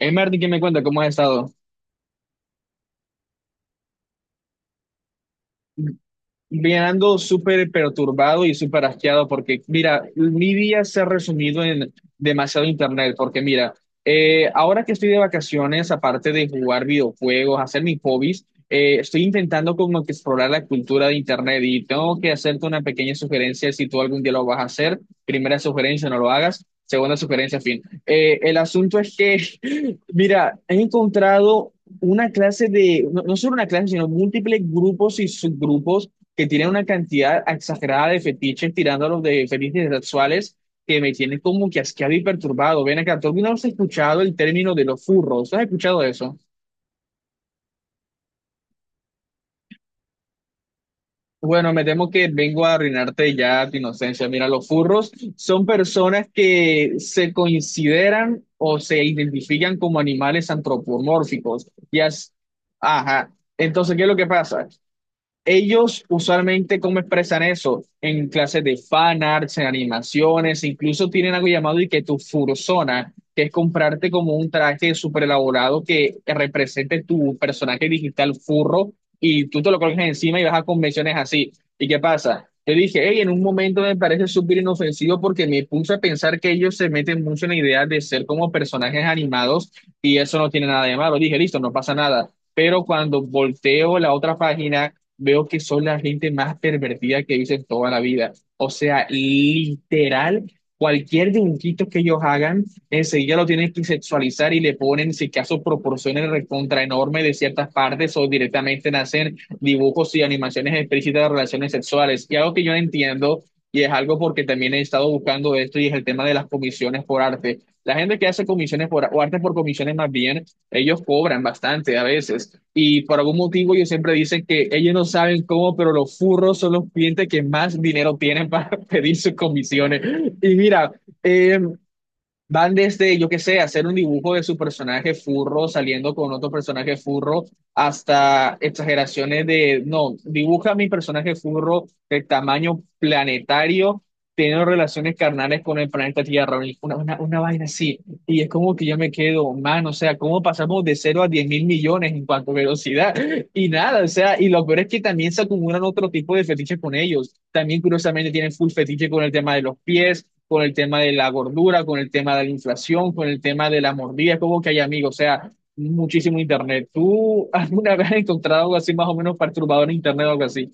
Hey, Martín, ¿qué me cuenta? ¿Cómo has estado? Bien, ando súper perturbado y súper asqueado porque, mira, mi día se ha resumido en demasiado internet, porque mira, ahora que estoy de vacaciones, aparte de jugar videojuegos, hacer mis hobbies, estoy intentando como que explorar la cultura de internet y tengo que hacerte una pequeña sugerencia si tú algún día lo vas a hacer. Primera sugerencia, no lo hagas. Segunda sugerencia, fin. El asunto es que, mira, he encontrado una clase de, no, no solo una clase, sino múltiples grupos y subgrupos que tienen una cantidad exagerada de fetiches tirándolos de fetiches sexuales que me tienen como que asqueado y perturbado. Ven acá, ¿tú alguna vez has escuchado el término de los furros? ¿Has escuchado eso? Bueno, me temo que vengo a arruinarte ya tu inocencia. Mira, los furros son personas que se consideran o se identifican como animales antropomórficos. Ya, ajá. Entonces, ¿qué es lo que pasa? Ellos usualmente, ¿cómo expresan eso? En clases de fan arts, en animaciones, incluso tienen algo llamado y que tu fursona, que es comprarte como un traje súper elaborado que represente tu personaje digital furro y tú te lo colocas encima y vas a convenciones así. ¿Y qué pasa? Yo dije, hey, en un momento me parece súper inofensivo porque me puse a pensar que ellos se meten mucho en la idea de ser como personajes animados y eso no tiene nada de malo. Dije, listo, no pasa nada. Pero cuando volteo la otra página veo que son la gente más pervertida que hice en toda la vida. O sea, literal, cualquier dibujito que ellos hagan, enseguida lo tienen que sexualizar y le ponen, si acaso, proporciones recontra enorme de ciertas partes o directamente hacen dibujos y animaciones explícitas de relaciones sexuales. Y algo que yo no entiendo, y es algo porque también he estado buscando esto, y es el tema de las comisiones por arte. La gente que hace comisiones por, o arte por comisiones más bien, ellos cobran bastante a veces y por algún motivo ellos siempre dicen que ellos no saben cómo, pero los furros son los clientes que más dinero tienen para pedir sus comisiones. Y mira, eh, van desde, yo qué sé, hacer un dibujo de su personaje furro saliendo con otro personaje furro, hasta exageraciones de, no, dibuja a mi personaje furro de tamaño planetario, teniendo relaciones carnales con el planeta Tierra, y una vaina así. Y es como que yo me quedo, man, o sea, ¿cómo pasamos de cero a 10.000.000.000 en cuanto a velocidad? Y nada, o sea, y lo peor es que también se acumulan otro tipo de fetiches con ellos. También curiosamente tienen full fetiche con el tema de los pies, con el tema de la gordura, con el tema de la inflación, con el tema de la mordida, es como que hay amigos, o sea, muchísimo internet. ¿Tú alguna vez has encontrado algo así más o menos perturbador en internet o algo así?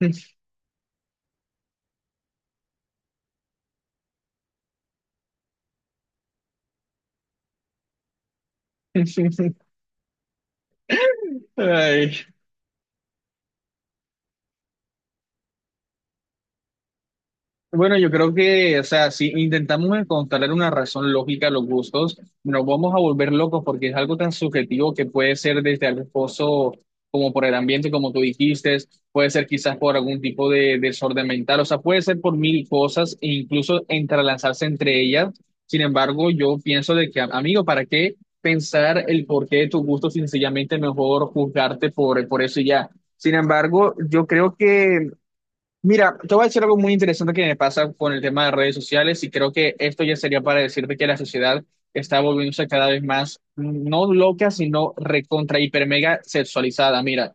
Ay. Bueno, yo creo que, o sea, si intentamos encontrar una razón lógica a los gustos, nos vamos a volver locos porque es algo tan subjetivo que puede ser desde algo esposo, como por el ambiente, como tú dijiste, puede ser quizás por algún tipo de desorden mental, o sea, puede ser por mil cosas e incluso entrelazarse entre ellas. Sin embargo, yo pienso de que, amigo, ¿para qué pensar el porqué de tus gustos? Sencillamente mejor juzgarte por, eso y ya. Sin embargo, yo creo que. Mira, te voy a decir algo muy interesante que me pasa con el tema de redes sociales y creo que esto ya sería para decirte que la sociedad está volviéndose cada vez más, no loca, sino recontra hiper mega sexualizada. Mira,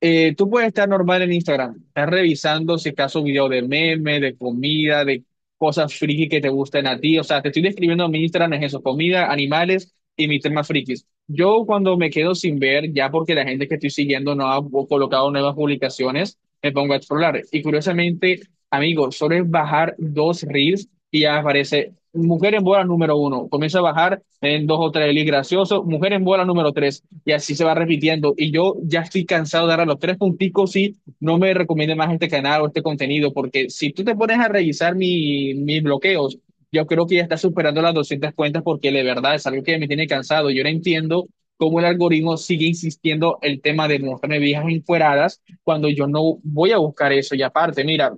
tú puedes estar normal en Instagram, estás revisando si acaso video de meme, de comida, de cosas friki que te gusten a ti. O sea, te estoy describiendo mi Instagram, es eso, comida, animales y mis temas frikis. Yo cuando me quedo sin ver, ya porque la gente que estoy siguiendo no ha colocado nuevas publicaciones, me pongo a explorar. Y curiosamente, amigos, solo es bajar dos reels y ya aparece mujer en bola número uno. Comienza a bajar en dos o tres reels graciosos, mujer en bola número tres y así se va repitiendo. Y yo ya estoy cansado de dar a los tres punticos y no me recomiende más este canal o este contenido, porque si tú te pones a revisar mis bloqueos, yo creo que ya está superando las 200 cuentas porque de verdad es algo que me tiene cansado. Yo no entiendo cómo el algoritmo sigue insistiendo el tema de mostrarme viejas encueradas cuando yo no voy a buscar eso. Y aparte, mira,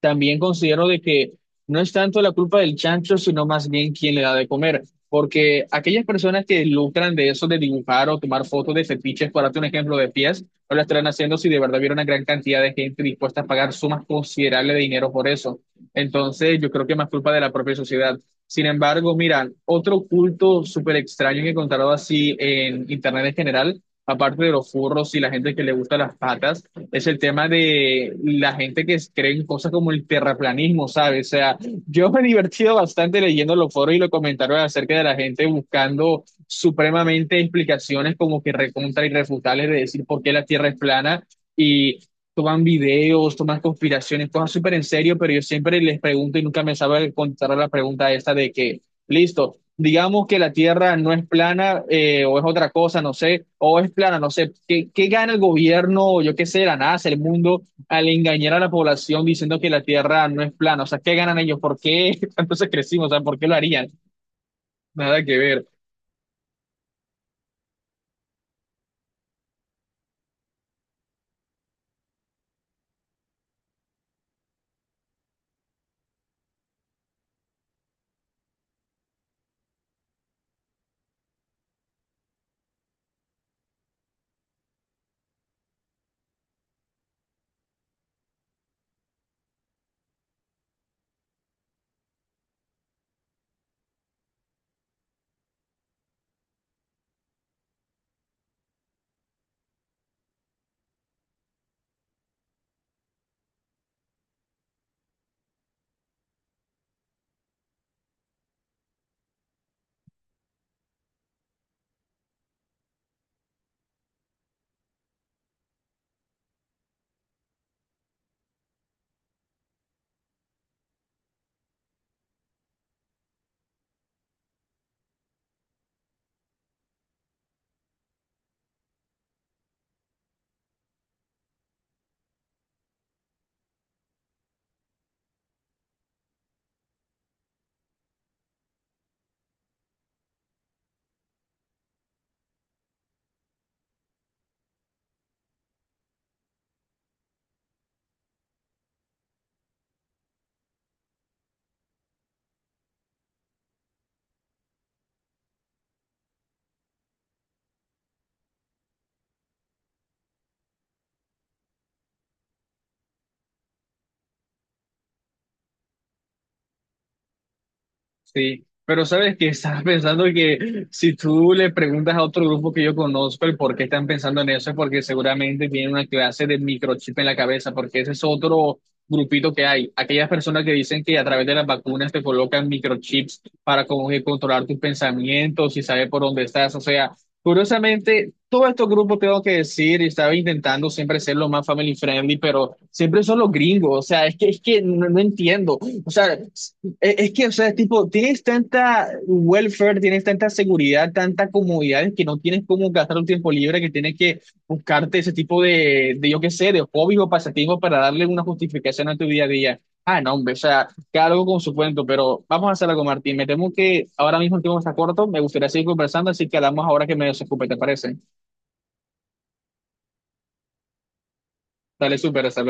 también considero de que no es tanto la culpa del chancho, sino más bien quién le da de comer. Porque aquellas personas que lucran de eso de dibujar o tomar fotos de fetiches, para darte un ejemplo de pies, no lo estarán haciendo si de verdad hubiera una gran cantidad de gente dispuesta a pagar sumas considerables de dinero por eso. Entonces, yo creo que es más culpa de la propia sociedad. Sin embargo, mira, otro culto súper extraño que he encontrado así en Internet en general, aparte de los furros y la gente que le gusta las patas es el tema de la gente que cree en cosas como el terraplanismo, ¿sabes? O sea, yo me he divertido bastante leyendo los foros y los comentarios acerca de la gente buscando supremamente explicaciones como que recontra irrefutables de decir por qué la Tierra es plana y toman videos, toman conspiraciones, cosas súper en serio, pero yo siempre les pregunto y nunca me sabe contestar la pregunta esta de que, listo, digamos que la Tierra no es plana o es otra cosa, no sé, o es plana, no sé, ¿qué, qué gana el gobierno, o yo qué sé, la NASA, el mundo, al engañar a la población diciendo que la Tierra no es plana? O sea, ¿qué ganan ellos? ¿Por qué entonces crecimos? O sea, ¿por qué lo harían? Nada que ver. Sí, pero sabes que estaba pensando que si tú le preguntas a otro grupo que yo conozco el por qué están pensando en eso, es porque seguramente tienen una clase de microchip en la cabeza, porque ese es otro grupito que hay. Aquellas personas que dicen que a través de las vacunas te colocan microchips para como que controlar tus pensamientos y saber por dónde estás. O sea, curiosamente, todos estos grupos tengo que decir, y estaba intentando siempre ser lo más family friendly, pero siempre son los gringos. O sea, es que no no entiendo. O sea, es que, o sea, tipo, tienes tanta welfare, tienes tanta seguridad, tanta comodidad que no tienes cómo gastar un tiempo libre, que tienes que buscarte ese tipo de, yo qué sé, de hobby o pasatiempo para darle una justificación a tu día a día. Ah, no, hombre, o sea, cada algo con su cuento, pero vamos a hacer algo, Martín. Me temo que ahora mismo el tiempo está corto, me gustaría seguir conversando, así que hablamos ahora que me desocupe, ¿te parece? Dale, súper, hasta luego.